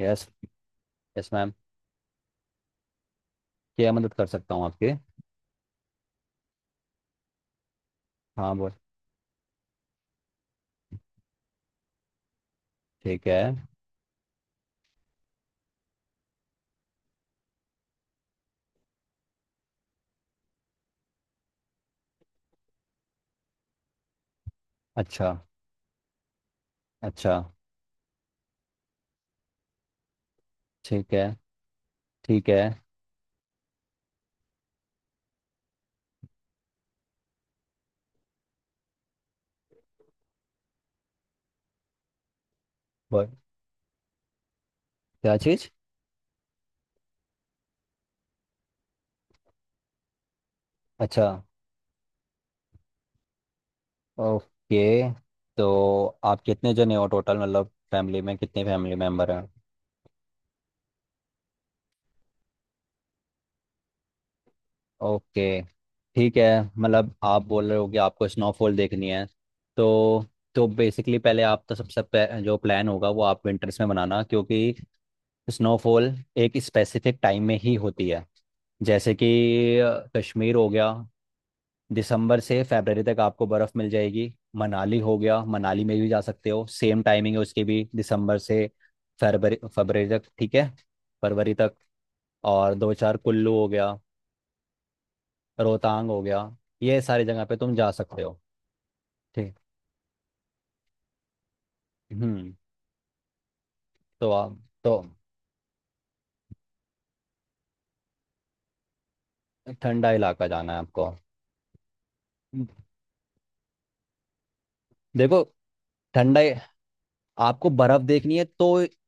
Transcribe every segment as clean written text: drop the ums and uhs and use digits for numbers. Yes. Yes ma'am. क्या मदद कर सकता हूँ आपके। हाँ बोल। ठीक है। अच्छा। अच्छा। ठीक है। ठीक है। बोल? क्या चीज़? अच्छा। ओके। तो आप कितने जने हो टोटल, मतलब फैमिली में कितने फैमिली मेम्बर हैं? ओके। ठीक है। मतलब आप बोल रहे हो कि आपको स्नोफॉल देखनी है। तो तो बेसिकली पहले आप तो सबसे जो प्लान होगा वो आप विंटर्स में बनाना, क्योंकि स्नोफॉल एक स्पेसिफिक टाइम में ही होती है। जैसे कि कश्मीर हो गया, दिसंबर से फरवरी तक आपको बर्फ़ मिल जाएगी। मनाली हो गया, मनाली में भी जा सकते हो, सेम टाइमिंग है उसकी भी, दिसंबर से फरवरी फरवरी तक। ठीक है, फरवरी तक। और दो चार कुल्लू हो गया, रोहतांग हो गया, ये सारी जगह पे तुम जा सकते हो। ठीक। हम्म। तो आप, तो ठंडा इलाका जाना है आपको। देखो, ठंडा आपको बर्फ देखनी है तो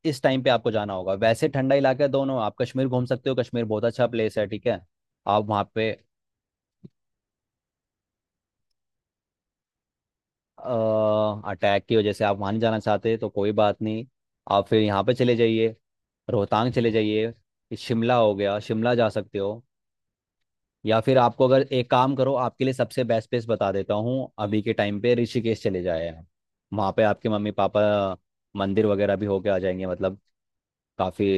इस टाइम पे आपको जाना होगा। वैसे ठंडा इलाका है दोनों, आप कश्मीर घूम सकते हो, कश्मीर बहुत अच्छा प्लेस है। ठीक है, आप वहाँ पे। अटैक की वजह से आप वहाँ नहीं जाना चाहते तो कोई बात नहीं, आप फिर यहाँ पे चले जाइए। रोहतांग चले जाइए, शिमला हो गया, शिमला जा सकते हो। या फिर आपको, अगर एक काम करो, आपके लिए सबसे बेस्ट प्लेस बता देता हूँ अभी के टाइम पे, ऋषिकेश चले जाए आप। वहाँ पे आपके मम्मी पापा मंदिर वगैरह भी होके आ जाएंगे, मतलब काफ़ी,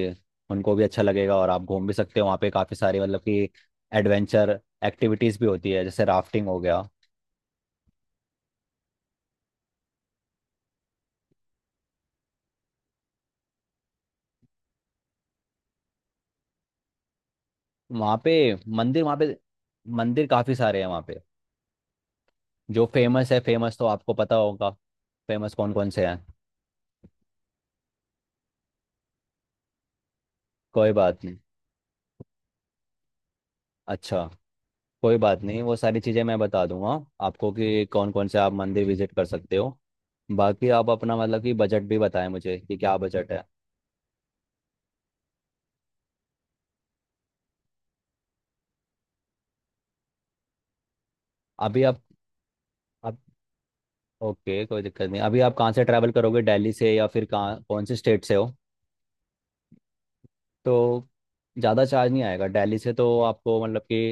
उनको भी अच्छा लगेगा और आप घूम भी सकते हो वहाँ पे। काफ़ी सारी मतलब कि एडवेंचर एक्टिविटीज़ भी होती है, जैसे राफ्टिंग हो गया। वहाँ पे वहाँ पे मंदिर काफ़ी सारे हैं वहाँ पे, जो फेमस है। फेमस तो आपको पता होगा। फेमस कौन कौन से हैं? कोई बात नहीं। अच्छा, कोई बात नहीं, वो सारी चीज़ें मैं बता दूंगा आपको कि कौन कौन से आप मंदिर विजिट कर सकते हो। बाकी आप अपना मतलब कि बजट भी बताएं मुझे, कि क्या बजट है। अभी आप, ओके कोई दिक्कत नहीं। अभी आप कहाँ से ट्रैवल करोगे, दिल्ली से, या फिर कहाँ, कौन से स्टेट से हो? तो ज़्यादा चार्ज नहीं आएगा दिल्ली से तो आपको, मतलब कि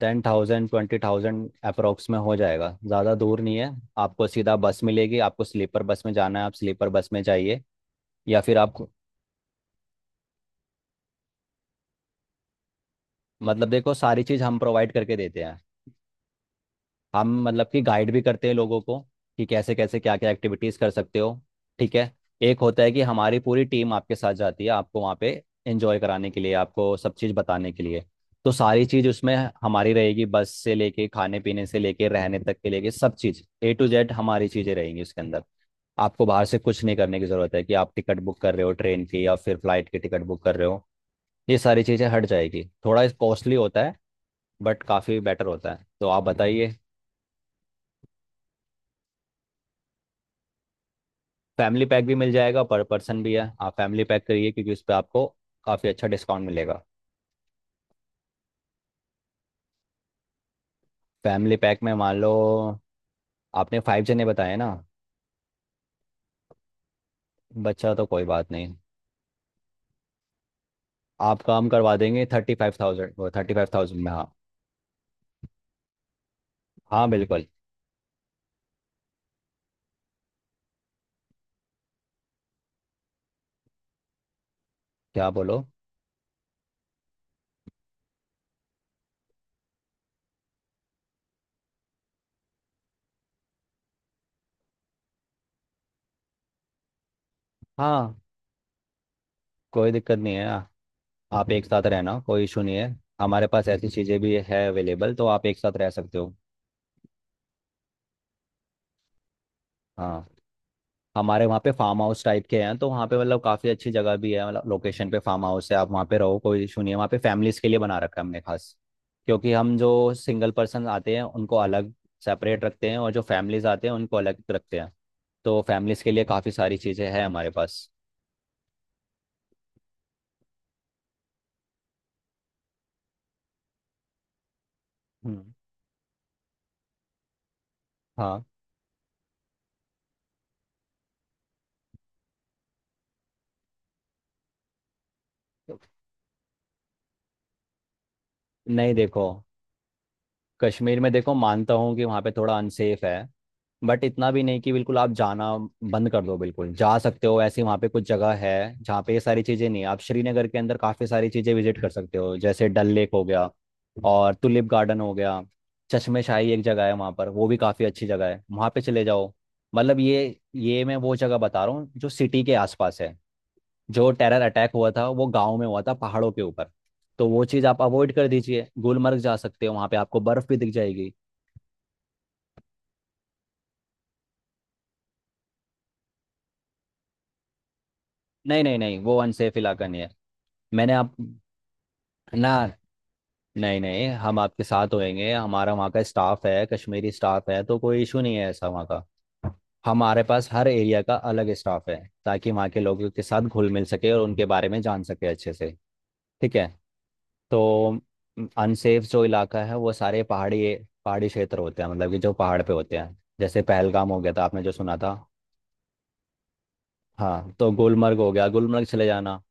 10,000 20,000 अप्रोक्स में हो जाएगा, ज़्यादा दूर नहीं है। आपको सीधा बस मिलेगी, आपको स्लीपर बस में जाना है, आप स्लीपर बस में जाइए, या फिर आप, मतलब देखो सारी चीज़ हम प्रोवाइड करके देते हैं। हम मतलब कि गाइड भी करते हैं लोगों को, कि कैसे कैसे क्या क्या एक्टिविटीज़ कर सकते हो। ठीक है, एक होता है कि हमारी पूरी टीम आपके साथ जाती है आपको वहाँ पे एंजॉय कराने के लिए, आपको सब चीज़ बताने के लिए। तो सारी चीज़ उसमें हमारी रहेगी, बस से लेके खाने पीने से लेके रहने तक के लेके सब चीज़ ए टू जेड हमारी चीज़ें रहेंगी उसके अंदर। आपको बाहर से कुछ नहीं करने की ज़रूरत है, कि आप टिकट बुक कर रहे हो ट्रेन की या फिर फ्लाइट की टिकट बुक कर रहे हो, ये सारी चीज़ें हट जाएगी। थोड़ा कॉस्टली होता है, बट काफ़ी बेटर होता है, तो आप बताइए। फैमिली पैक भी मिल जाएगा, पर पर्सन भी है, आप फैमिली पैक करिए क्योंकि उस पर आपको काफ़ी अच्छा डिस्काउंट मिलेगा। फैमिली पैक में मान लो आपने 5 जने बताए ना, बच्चा तो कोई बात नहीं। आपका हम करवा देंगे 35,000, वो 35,000 में। हाँ, हाँ बिल्कुल। क्या बोलो? हाँ, कोई दिक्कत नहीं है, आप एक साथ रहना कोई इशू नहीं है, हमारे पास ऐसी चीज़ें भी है अवेलेबल, तो आप एक साथ रह सकते हो। हाँ। हमारे वहाँ पे फार्म हाउस टाइप के हैं, तो वहाँ पे मतलब काफ़ी अच्छी जगह भी है, मतलब लोकेशन पे फार्म हाउस है। आप वहाँ पे रहो, कोई इशू नहीं है वहाँ पे। फैमिलीज के लिए बना रखा है हमने खास, क्योंकि हम जो सिंगल पर्सन आते हैं उनको अलग सेपरेट रखते हैं, और जो फैमिलीज आते हैं उनको अलग रखते हैं। तो फैमिलीज के लिए काफ़ी सारी चीज़ें हैं हमारे पास। हम्म। हाँ। नहीं देखो, कश्मीर में देखो, मानता हूँ कि वहाँ पे थोड़ा अनसेफ है, बट इतना भी नहीं कि बिल्कुल आप जाना बंद कर दो। बिल्कुल जा सकते हो, ऐसी वहाँ पे कुछ जगह है जहाँ पे ये सारी चीज़ें नहीं है। आप श्रीनगर के अंदर काफ़ी सारी चीज़ें विजिट कर सकते हो, जैसे डल लेक हो गया और टुलिप गार्डन हो गया, चश्मे शाही एक जगह है वहाँ पर, वो भी काफ़ी अच्छी जगह है, वहाँ पे चले जाओ। मतलब ये मैं वो जगह बता रहा हूँ जो सिटी के आसपास है। जो टेरर अटैक हुआ था वो गांव में हुआ था, पहाड़ों के ऊपर। तो वो चीज़ आप अवॉइड कर दीजिए, गुलमर्ग जा सकते हो, वहां पे आपको बर्फ भी दिख जाएगी। नहीं नहीं नहीं, वो अनसेफ इलाका नहीं है। मैंने आप, ना, नहीं नहीं, हम आपके साथ होएंगे, हमारा वहाँ का स्टाफ है, कश्मीरी स्टाफ है, तो कोई इशू नहीं है ऐसा वहाँ का। हमारे पास हर एरिया का अलग स्टाफ है, ताकि वहाँ के लोगों के साथ घुल मिल सके और उनके बारे में जान सके अच्छे से। ठीक है। तो अनसेफ जो इलाका है वो सारे पहाड़ी पहाड़ी क्षेत्र होते हैं, मतलब कि जो पहाड़ पे होते हैं, जैसे पहलगाम हो गया था आपने जो सुना था। हाँ, तो गुलमर्ग हो गया, गुलमर्ग चले जाना,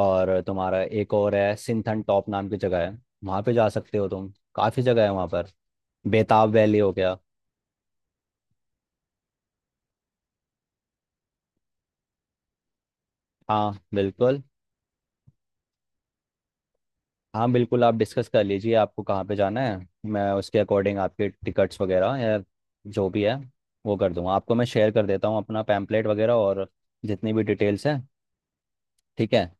और तुम्हारा एक और है, सिंथन टॉप नाम की जगह है, वहाँ पे जा सकते हो तुम, काफ़ी जगह है वहाँ पर, बेताब वैली हो गया। हाँ बिल्कुल। हाँ बिल्कुल, आप डिस्कस कर लीजिए, आपको कहाँ पे जाना है मैं उसके अकॉर्डिंग आपके टिकट्स वगैरह, या जो भी है वो कर दूंगा। आपको मैं शेयर कर देता हूँ अपना पैम्पलेट वगैरह, और जितनी भी डिटेल्स है। ठीक है।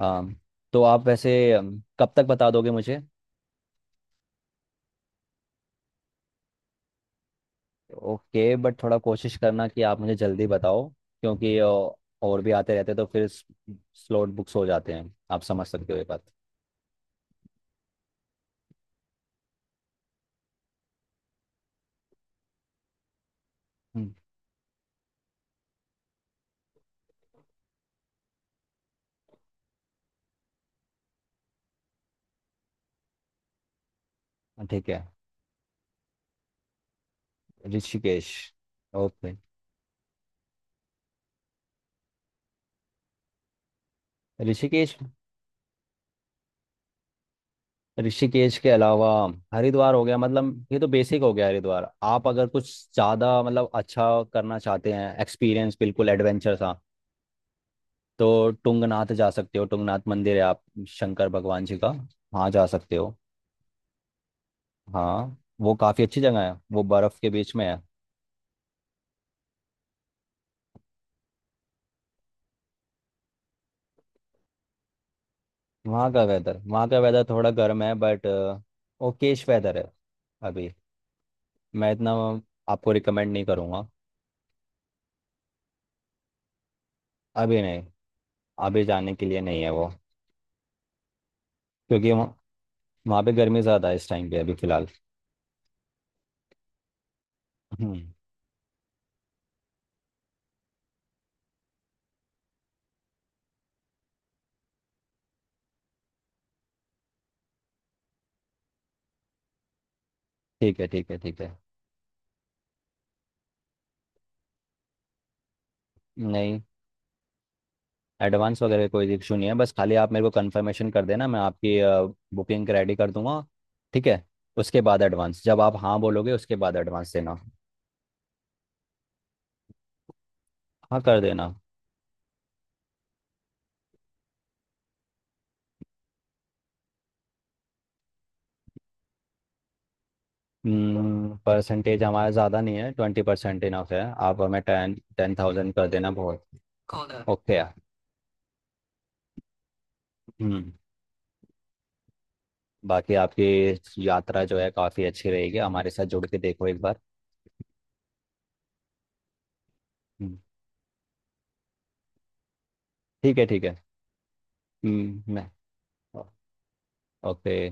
अम, तो आप वैसे कब तक बता दोगे मुझे? ओके, बट थोड़ा कोशिश करना कि आप मुझे जल्दी बताओ, क्योंकि और भी आते रहते तो फिर स्लॉट बुक्स हो जाते हैं, आप समझ सकते हो ये बात। हम्म, ठीक है। ऋषिकेश। ओके। ऋषिकेश, ऋषिकेश के अलावा हरिद्वार हो गया, मतलब ये तो बेसिक हो गया हरिद्वार। आप अगर कुछ ज़्यादा मतलब अच्छा करना चाहते हैं एक्सपीरियंस, बिल्कुल एडवेंचर सा, तो टुंगनाथ जा सकते हो, टुंगनाथ मंदिर है आप, शंकर भगवान जी का, वहाँ जा सकते हो। हाँ, वो काफ़ी अच्छी जगह है, वो बर्फ़ के बीच में है। वहाँ का वेदर, वहाँ का वेदर थोड़ा गर्म है, बट ओकेश वेदर है। अभी मैं इतना आपको रिकमेंड नहीं करूँगा। अभी नहीं, अभी जाने के लिए नहीं है वो, क्योंकि वहाँ, वहाँ पे गर्मी ज़्यादा है इस टाइम पे अभी फ़िलहाल। हम्म, ठीक है, ठीक है, ठीक है। नहीं, एडवांस वगैरह कोई इशू नहीं है, बस खाली आप मेरे को कंफर्मेशन कर देना, मैं आपकी बुकिंग रेडी कर दूंगा। ठीक है। उसके बाद एडवांस, जब आप हाँ बोलोगे उसके बाद एडवांस देना। हाँ, कर देना। परसेंटेज हमारा ज़्यादा नहीं है, 20% इनफ है। आप हमें टेन टेन थाउजेंड कर देना बहुत। ओके। हम्म। बाकी आपकी यात्रा जो है काफ़ी अच्छी रहेगी हमारे साथ जुड़ के, देखो एक बार। हम्म, ठीक है, ठीक है। मैं, ओके।